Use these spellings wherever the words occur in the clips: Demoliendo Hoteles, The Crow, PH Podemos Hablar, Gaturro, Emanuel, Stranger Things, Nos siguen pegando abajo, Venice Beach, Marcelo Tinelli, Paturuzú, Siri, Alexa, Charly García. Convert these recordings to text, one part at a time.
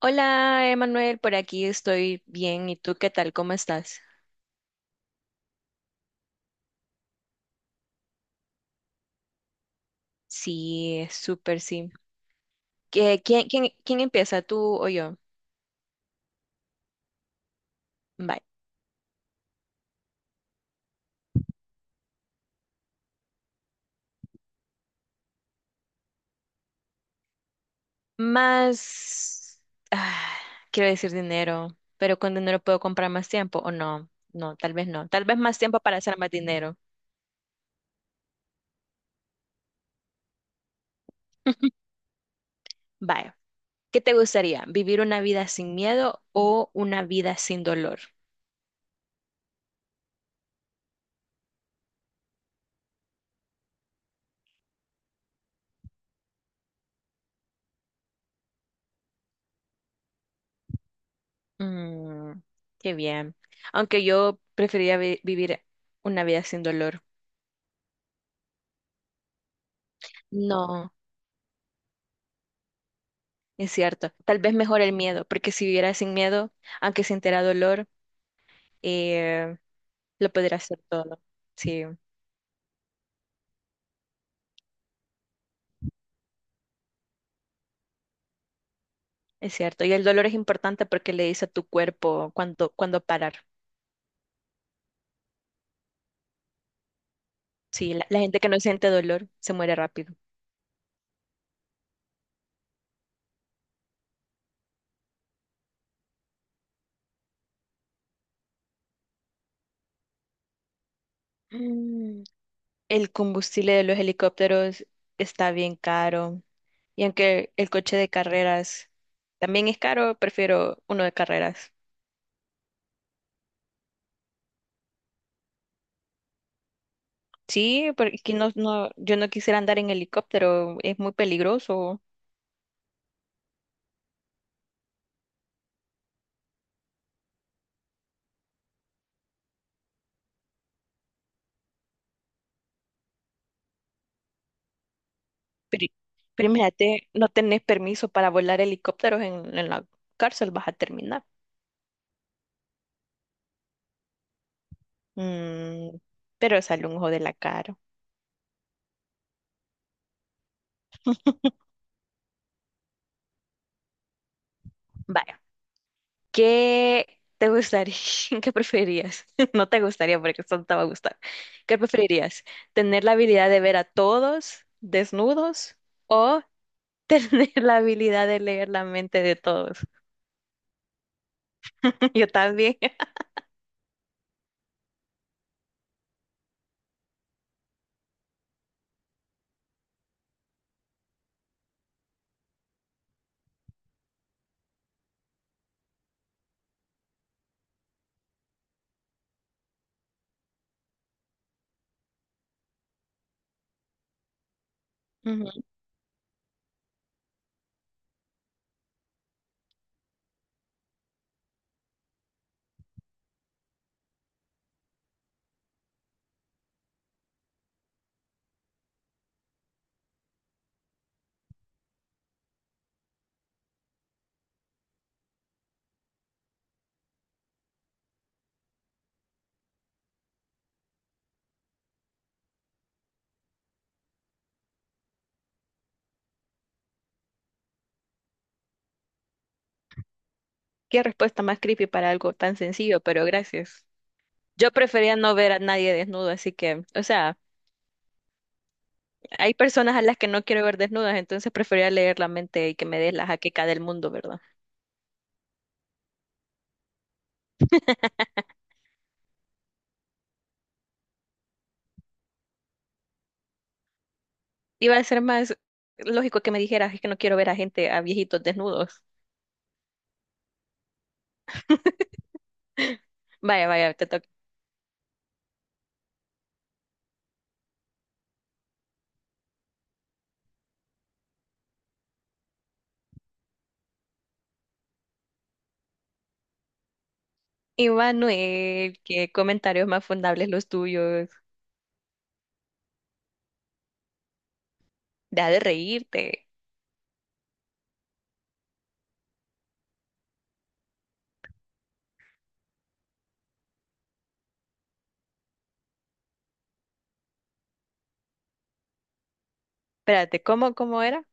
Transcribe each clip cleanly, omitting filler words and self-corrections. Hola, Emanuel, por aquí estoy bien. ¿Y tú qué tal? ¿Cómo estás? Sí, súper sí. ¿Qué- quién empieza? ¿Tú o yo? Bye. Más, ah, quiero decir dinero, pero con dinero puedo comprar más tiempo o no. No, tal vez no. Tal vez más tiempo para hacer más dinero. Vaya. ¿Qué te gustaría? ¿Vivir una vida sin miedo o una vida sin dolor? Mm, qué bien. Aunque yo preferiría vivir una vida sin dolor. No. Es cierto, tal vez mejor el miedo, porque si viviera sin miedo, aunque sintiera dolor, eh, lo podría hacer todo. Sí, es cierto. Y el dolor es importante porque le dice a tu cuerpo cuándo parar. Sí, la gente que no siente dolor se muere rápido. Mm, el combustible de los helicópteros está bien caro. Y aunque el coche de carreras también es caro, prefiero uno de carreras. Sí, porque no, no, yo no quisiera andar en helicóptero, es muy peligroso. Pero, pero imagínate, no tenés permiso para volar helicópteros en la cárcel, vas a terminar. Mm, pero sale un ojo de la cara. Vaya, ¿qué te gustaría? ¿Qué preferirías? No te gustaría porque esto no te va a gustar. ¿Qué preferirías? ¿Tener la habilidad de ver a todos desnudos o tener la habilidad de leer la mente de todos? Yo también. Ujú. Qué respuesta más creepy para algo tan sencillo, pero gracias. Yo prefería no ver a nadie desnudo, así que, o sea, hay personas a las que no quiero ver desnudas, entonces prefería leer la mente y que me dé la jaqueca del mundo, ¿verdad? Iba a ser más lógico que me dijeras, es que no quiero ver a gente, a viejitos desnudos. Vaya, vaya, te toca. Y Manuel, qué comentarios más fundables los tuyos. Deja de reírte. Espérate, ¿cómo era?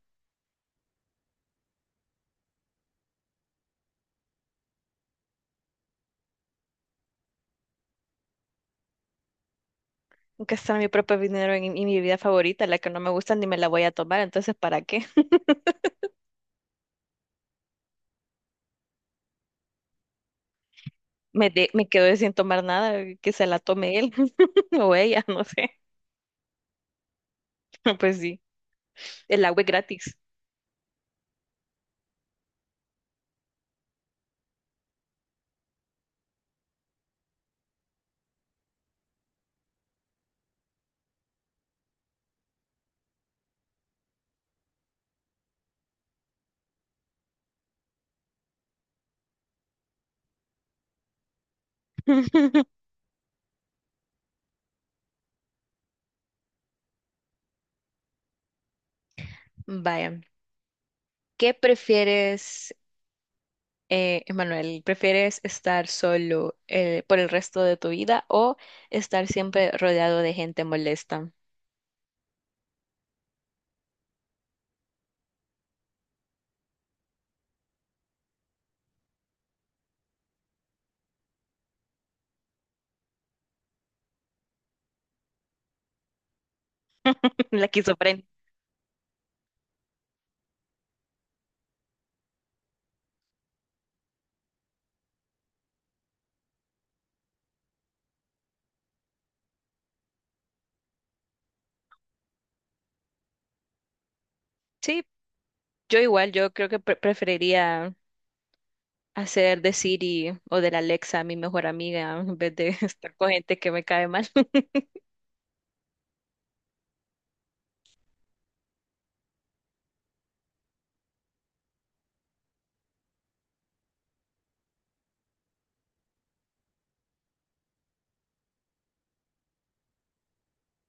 Gastar mi propio dinero en mi vida favorita, la que no me gusta ni me la voy a tomar, entonces, ¿para qué? Me, de- me quedé sin tomar nada, que se la tome él o ella, no sé. Pues sí, el agua es gratis. Vaya, ¿qué prefieres, Emanuel? ¿Prefieres estar solo por el resto de tu vida o estar siempre rodeado de gente molesta? La esquizofrenia. Sí, yo igual, yo creo que preferiría hacer de Siri o de la Alexa mi mejor amiga en vez de estar con gente que me cae mal.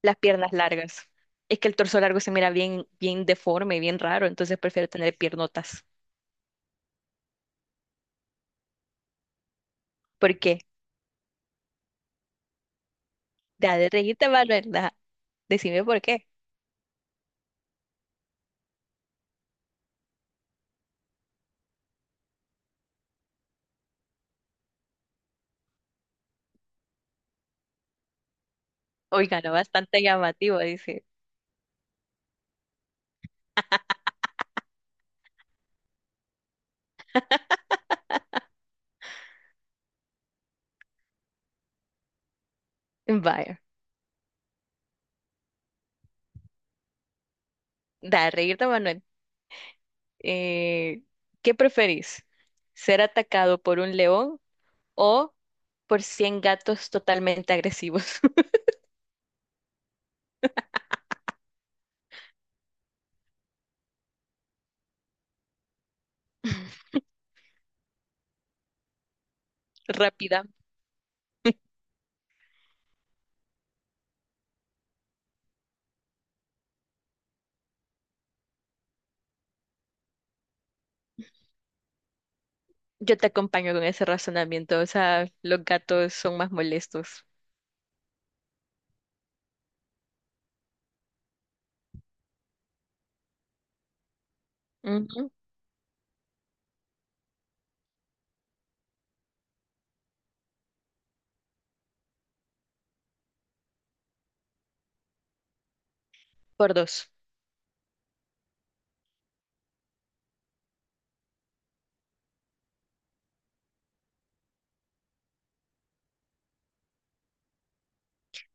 Las piernas largas. Es que el torso largo se mira bien, bien deforme, bien raro, entonces prefiero tener piernotas. ¿Por qué? Ya de reírte, Manuela. Decime por qué. Oiga, no, bastante llamativo, dice. Vaya, da de reírte, Manuel. Eh, ¿Qué preferís? ¿Ser atacado por un león o por 100 gatos totalmente agresivos? Rápida. Yo te acompaño con ese razonamiento. O sea, los gatos son más molestos. Ujú. Por dos.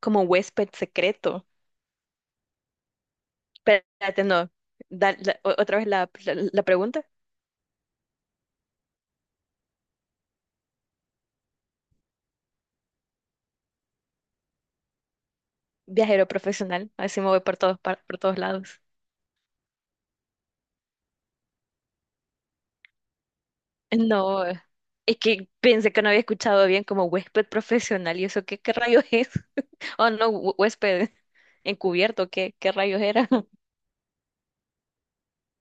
Como huésped secreto. Espérate, no. Da- la- o- otra vez la pregunta. Viajero profesional. Así me voy por todos, par- por todos lados. No, es que pensé que no había escuchado bien como huésped profesional. ¿Y eso qué, qué rayos es? Oh, no, hu- huésped encubierto. ¿Qué, qué rayos era?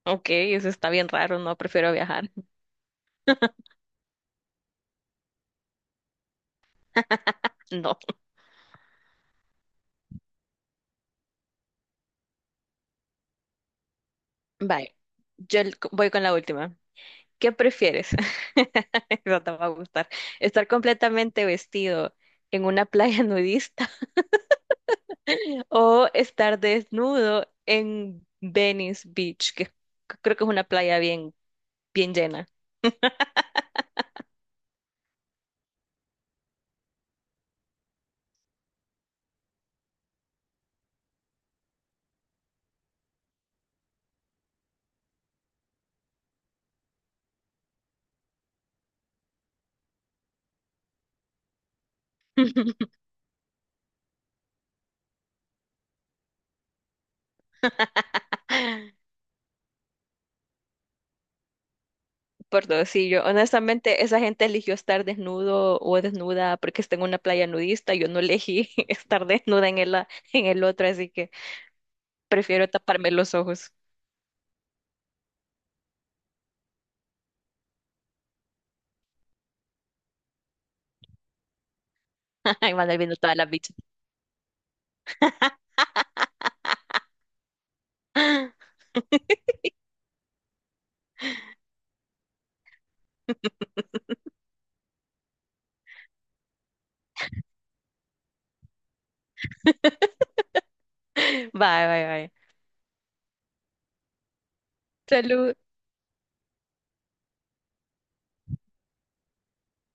Ok, eso está bien raro. No, prefiero viajar. No. Vale. Yo el- voy con la última. ¿Qué prefieres? Eso te va a gustar. ¿Estar completamente vestido en una playa nudista? O estar desnudo en Venice Beach, que creo que es una playa bien, bien llena. Por dos, sí, yo honestamente, esa gente eligió estar desnudo o desnuda porque está en una playa nudista. Yo no elegí estar desnuda en el, a- en el otro, así que prefiero taparme los ojos. Y van a ir viendo todas las bichas. Bye, bye, bye. Salud.